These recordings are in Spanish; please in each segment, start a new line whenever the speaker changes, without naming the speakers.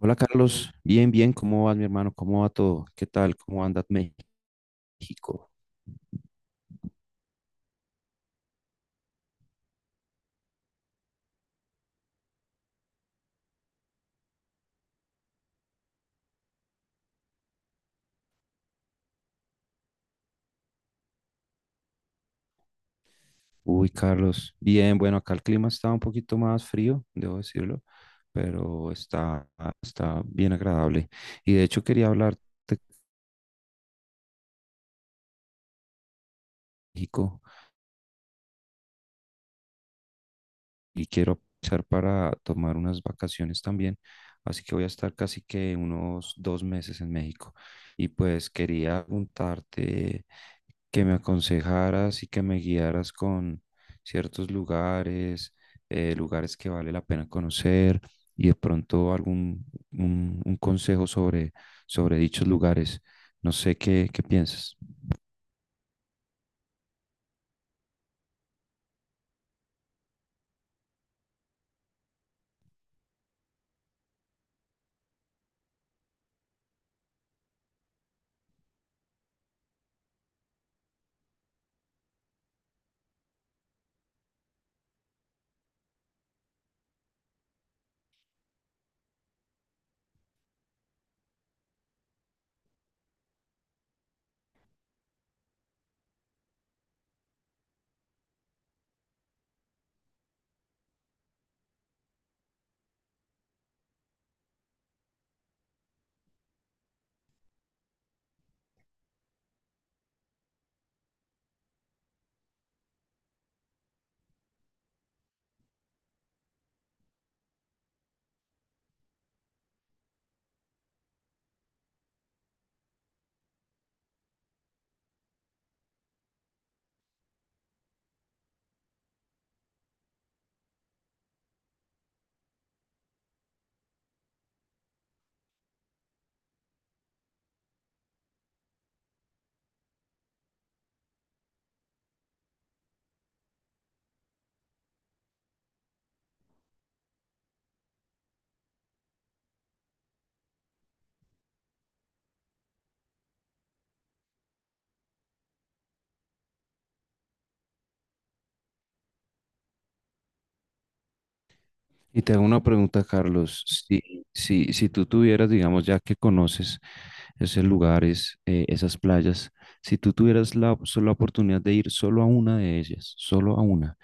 Hola Carlos, bien, bien, ¿cómo vas mi hermano? ¿Cómo va todo? ¿Qué tal? ¿Cómo anda México? Carlos, bien, bueno, acá el clima está un poquito más frío, debo decirlo, pero está bien agradable. Y de hecho quería hablarte de México. Y quiero aprovechar para tomar unas vacaciones también, así que voy a estar casi que unos 2 meses en México. Y pues quería preguntarte que me aconsejaras y que me guiaras con ciertos lugares, lugares que vale la pena conocer y de pronto un consejo sobre dichos lugares. No sé qué piensas. Y te hago una pregunta, Carlos. Si, si tú tuvieras, digamos, ya que conoces esos lugares, esas playas, si tú tuvieras solo la oportunidad de ir solo a una de ellas, solo a una,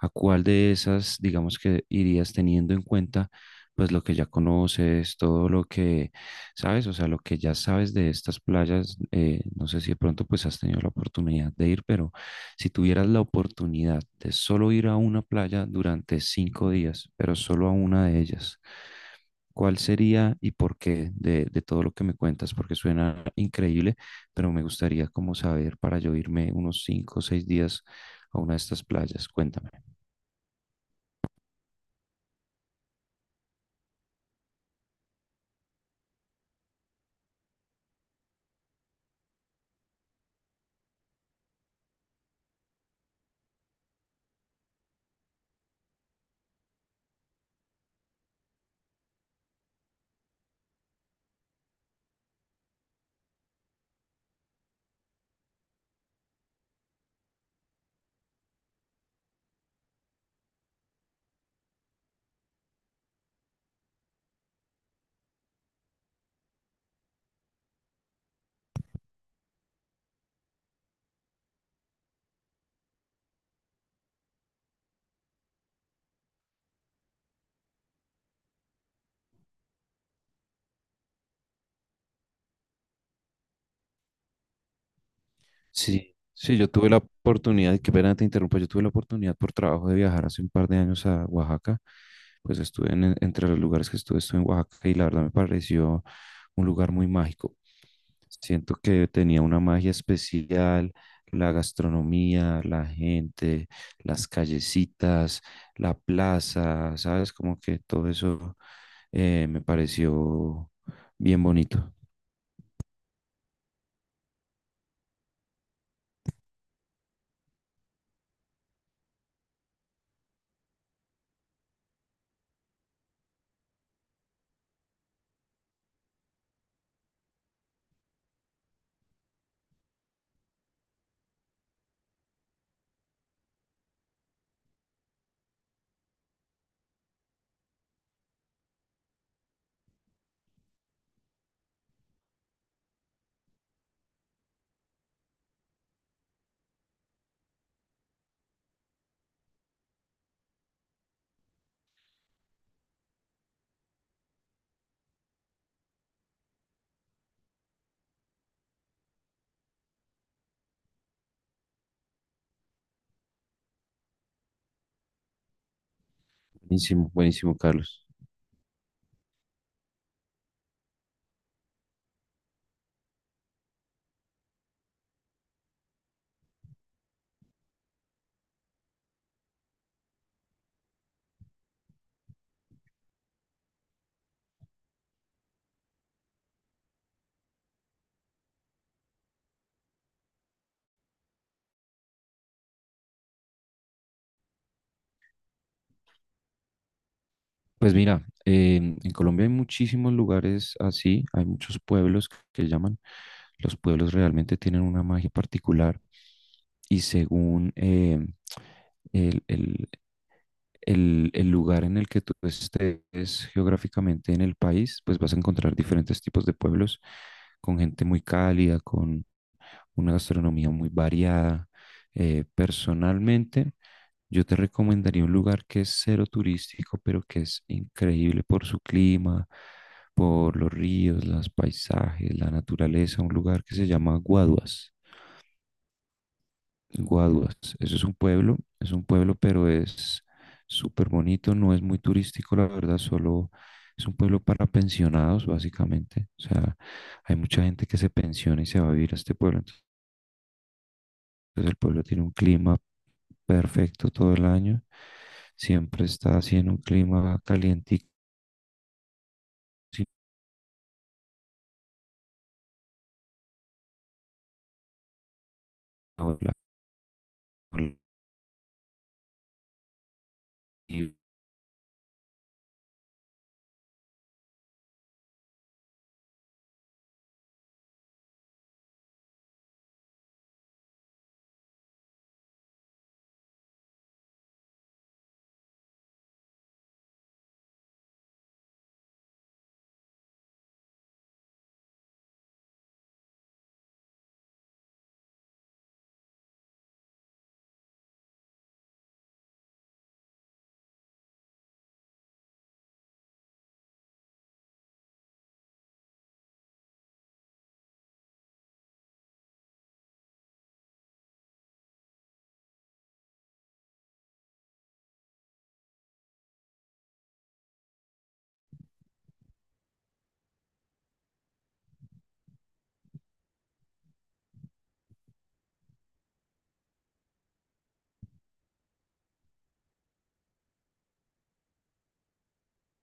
¿a cuál de esas, digamos, que irías teniendo en cuenta, pues lo que ya conoces, todo lo que sabes, o sea, lo que ya sabes de estas playas? No sé si de pronto pues has tenido la oportunidad de ir, pero si tuvieras la oportunidad de solo ir a una playa durante 5 días, pero solo a una de ellas, ¿cuál sería y por qué de todo lo que me cuentas? Porque suena increíble, pero me gustaría como saber para yo irme unos 5 o 6 días a una de estas playas. Cuéntame. Sí, sí, yo tuve la oportunidad, y qué pena te interrumpo, yo tuve la oportunidad por trabajo de viajar hace un par de años a Oaxaca, pues estuve entre los lugares que estuve, estuve en Oaxaca y la verdad me pareció un lugar muy mágico. Siento que tenía una magia especial, la gastronomía, la gente, las callecitas, la plaza, ¿sabes? Como que todo eso me pareció bien bonito. Buenísimo, buenísimo, Carlos. Pues mira, en Colombia hay muchísimos lugares así, hay muchos pueblos que llaman. Los pueblos realmente tienen una magia particular y según el, el- el lugar en el que tú estés geográficamente en el país, pues vas a encontrar diferentes tipos de pueblos con gente muy cálida, con una gastronomía muy variada. Personalmente, yo te recomendaría un lugar que es cero turístico, pero que es increíble por su clima, por los ríos, los paisajes, la naturaleza, un lugar que se llama Guaduas. Guaduas, eso es un pueblo, pero es súper bonito, no es muy turístico, la verdad, solo es un pueblo para pensionados, básicamente. O sea, hay mucha gente que se pensiona y se va a vivir a este pueblo. Entonces, el pueblo tiene un clima perfecto todo el año, siempre está así en un clima calientico, sin ola- ola- y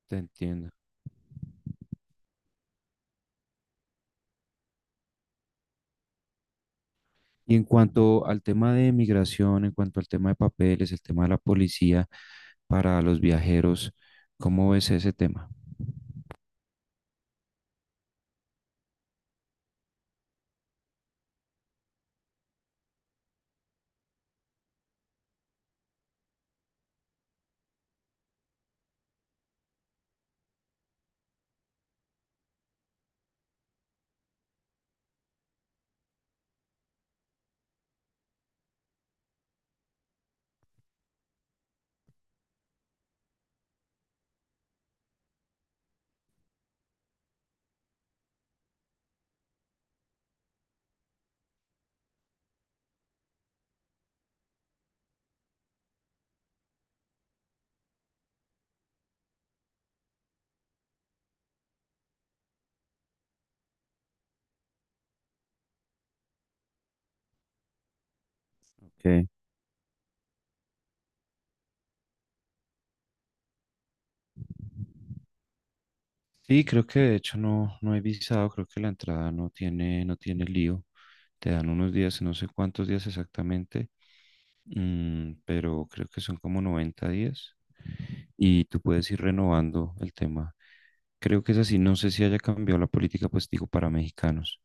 te entiendo. Y en cuanto al tema de migración, en cuanto al tema de papeles, el tema de la policía para los viajeros, ¿cómo ves ese tema? Ok. Sí, creo que de hecho no, no he visado, creo que la entrada no tiene, no tiene lío. Te dan unos días, no sé cuántos días exactamente, mm, pero creo que son como 90 días y tú puedes ir renovando el tema. Creo que es así, no sé si haya cambiado la política, pues digo, para mexicanos,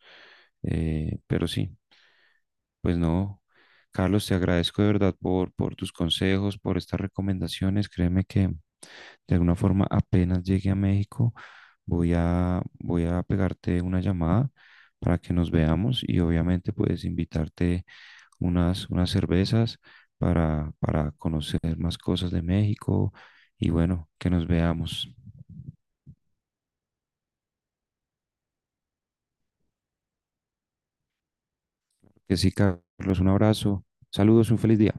pero sí. Pues no, Carlos, te agradezco de verdad por tus consejos, por estas recomendaciones. Créeme que de alguna forma apenas llegue a México, voy a pegarte una llamada para que nos veamos y obviamente puedes invitarte unas cervezas para conocer más cosas de México y bueno, que nos veamos. Que sí, Carlos, un abrazo. Saludos, un feliz día.